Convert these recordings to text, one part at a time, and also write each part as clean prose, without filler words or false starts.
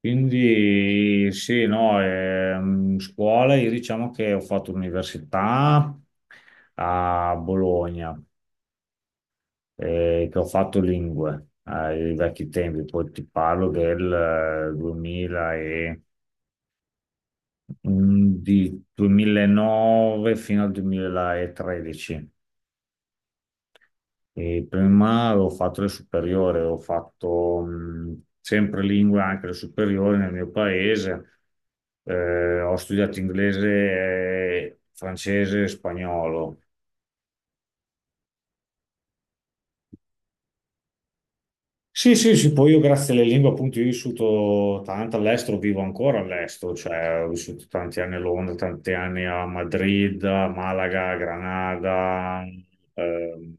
Quindi sì, no, scuola, io diciamo che ho fatto l'università a Bologna, che ho fatto lingue ai vecchi tempi, poi ti parlo del 2000 e, di 2009 fino al 2013. E prima avevo fatto le superiori, avevo fatto sempre lingue anche le superiori nel mio paese. Ho studiato inglese, francese e spagnolo. Sì, sì, sì, poi io grazie alle lingue appunto io ho vissuto tanto all'estero, vivo ancora all'estero, cioè ho vissuto tanti anni a Londra, tanti anni a Madrid, a Malaga, a Granada, ehm,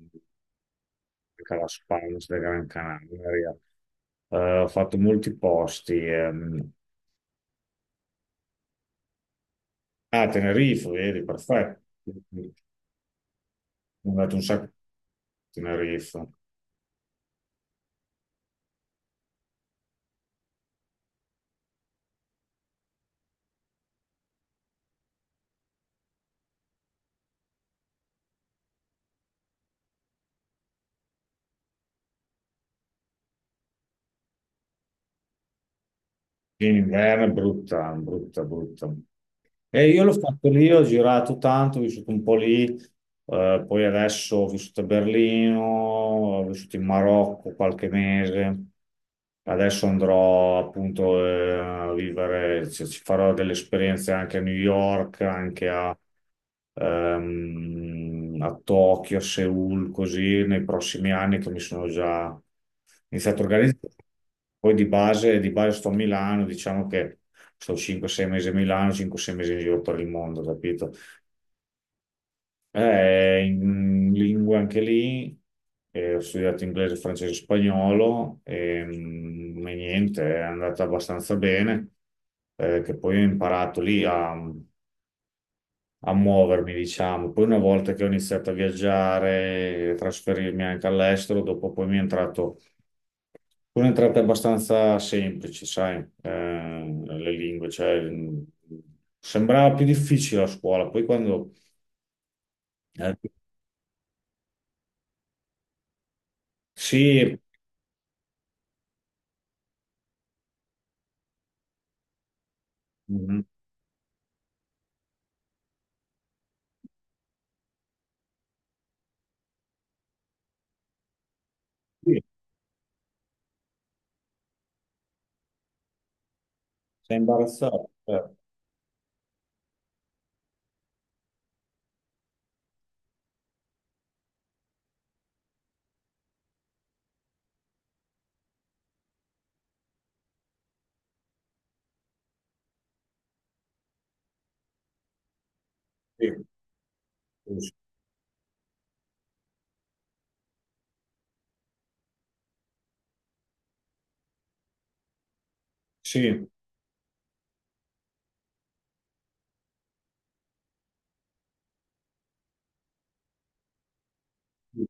anche la Spalms della Gran Canaria. Ho fatto molti posti. Ah, Tenerife, vedi, perfetto. Mi ho dato un sacco a Tenerife. In inverno è brutta, brutta, brutta. E io l'ho fatto lì, ho girato tanto, ho vissuto un po' lì, poi adesso ho vissuto a Berlino, ho vissuto in Marocco qualche mese, adesso andrò appunto a vivere, cioè, ci farò delle esperienze anche a New York, anche a, a Tokyo, a Seoul, così nei prossimi anni che mi sono già iniziato a organizzare. Poi di base sto a Milano, diciamo che sto 5-6 mesi a Milano, 5-6 mesi in giro per il mondo, capito? In lingue anche lì, ho studiato inglese, francese e spagnolo, e niente, è andata abbastanza bene, che poi ho imparato lì a muovermi, diciamo. Poi una volta che ho iniziato a viaggiare, a trasferirmi anche all'estero, dopo poi mi è entrato un'entrata abbastanza semplice, sai, le lingue, cioè, sembrava più difficile a scuola, poi quando. eh, sì, mhm, sì, sei imbarazzato, sì, sì, sì,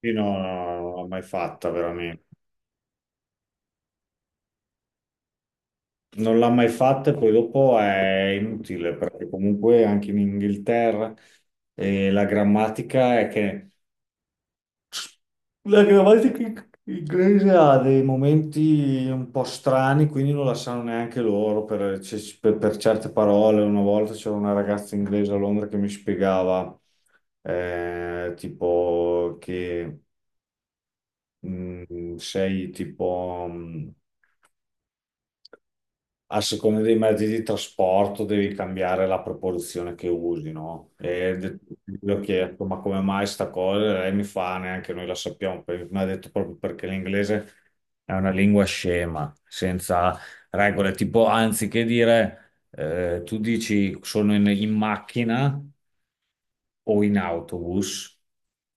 sì, no, no, non l'ho mai fatta veramente. Non l'ha mai fatta e poi dopo è inutile perché comunque anche in Inghilterra la grammatica è che la grammatica inglese ha dei momenti un po' strani, quindi non la sanno neanche loro per, per certe parole. Una volta c'era una ragazza inglese a Londra che mi spiegava tipo che sei tipo a seconda dei mezzi di trasporto devi cambiare la proporzione che usi, no? E gli ho chiesto, ma come mai sta cosa? Lei mi fa, neanche noi la sappiamo. Mi ha detto proprio perché l'inglese è una lingua scema, senza regole, tipo anziché dire, tu dici sono in macchina o in autobus.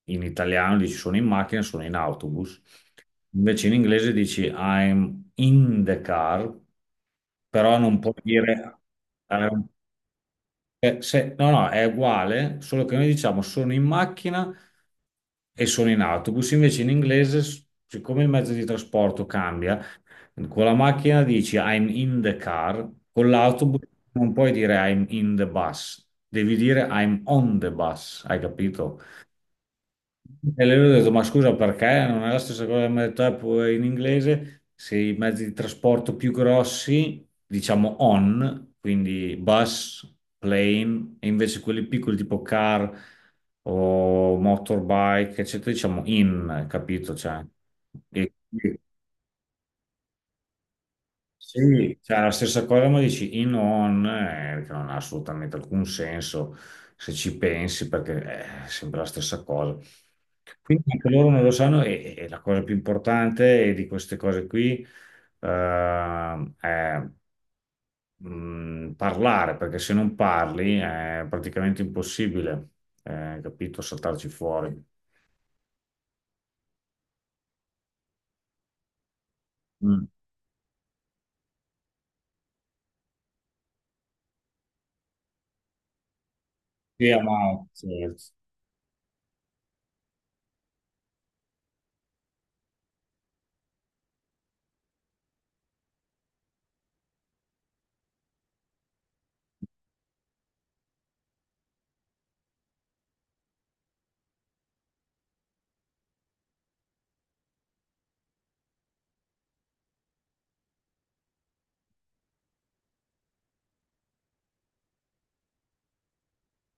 In italiano dici sono in macchina, sono in autobus. Invece in inglese dici I'm in the car, però non puoi dire no, no, è uguale, solo che noi diciamo sono in macchina e sono in autobus, invece in inglese, siccome il mezzo di trasporto cambia, con la macchina dici I'm in the car, con l'autobus non puoi dire I'm in the bus, devi dire I'm on the bus, hai capito? E lui ha detto, ma scusa, perché non è la stessa cosa che mi ha detto Apple in inglese? Se i mezzi di trasporto più grossi, diciamo on, quindi bus, plane, e invece quelli piccoli tipo car o motorbike, eccetera, diciamo in, capito? Cioè, e- sì, cioè la stessa cosa, ma dici in on, che non ha assolutamente alcun senso se ci pensi, perché è sempre la stessa cosa. Quindi anche loro non lo sanno e la cosa più importante di queste cose qui è parlare, perché se non parli è praticamente impossibile, capito, saltarci fuori. Mm. Sì, ma sì,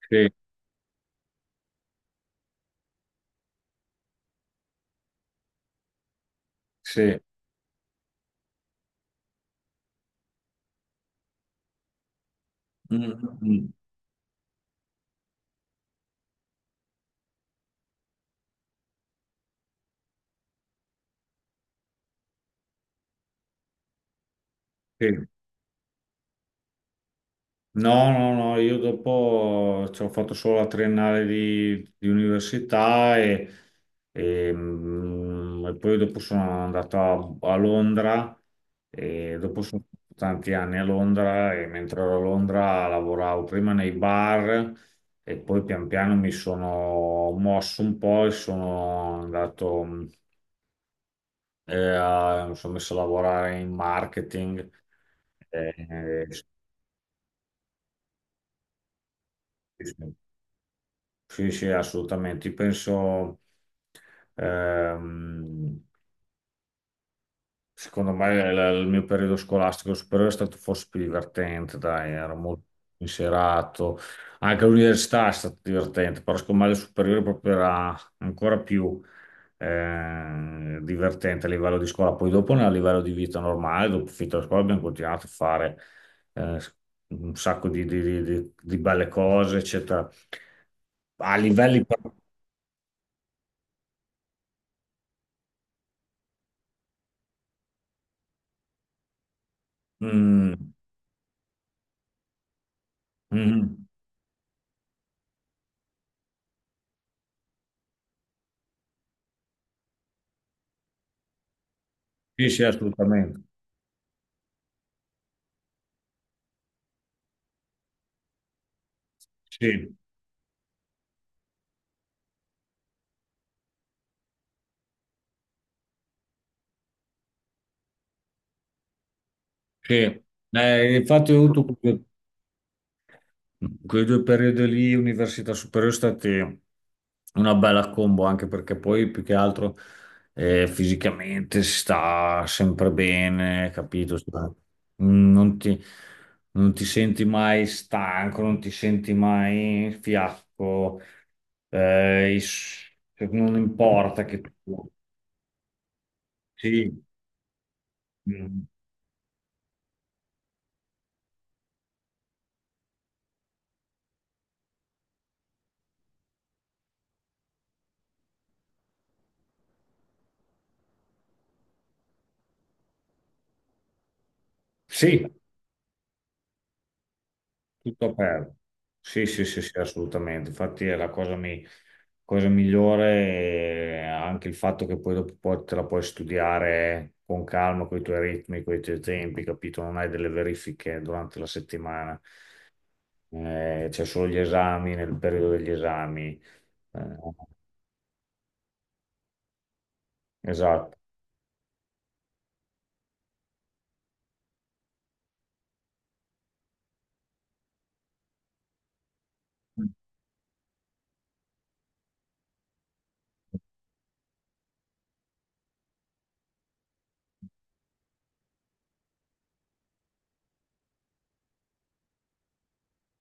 sì. Sì. Mm, mm, mm. Sì. No, no, no, io dopo ci ho fatto solo la triennale di università e poi dopo sono andato a Londra e dopo sono stato tanti anni a Londra e mentre ero a Londra lavoravo prima nei bar e poi pian piano mi sono mosso un po' e sono andato, mi sono messo a lavorare in marketing. Eh, eh, Sì, sì, assolutamente. Io penso, ehm, secondo me, il mio periodo scolastico superiore è stato forse più divertente, dai, ero molto inserato. Anche l'università è stata divertente, però secondo me il superiore proprio era ancora più divertente a livello di scuola. Poi dopo, a livello di vita normale, dopo finita la scuola, abbiamo continuato a fare eh, un sacco di belle cose, eccetera a livelli. Mm, mm. Sì, sì, assolutamente. Sì, sì. Infatti ho avuto quei due periodi lì, università superiore, sono stati una bella combo, anche perché poi più che altro fisicamente si sta sempre bene, capito? Mm. Non ti senti mai stanco, non ti senti mai fiacco, eh, i s- non importa che tu. Sì, mm, sì. Tutto aperto. Sì, sì, sì, sì, assolutamente. Infatti è la cosa, cosa migliore, anche il fatto che poi dopo poi te la puoi studiare con calma, con i tuoi ritmi, con i tuoi tempi, capito? Non hai delle verifiche durante la settimana. C'è solo gli esami nel periodo degli esami. Eh, esatto.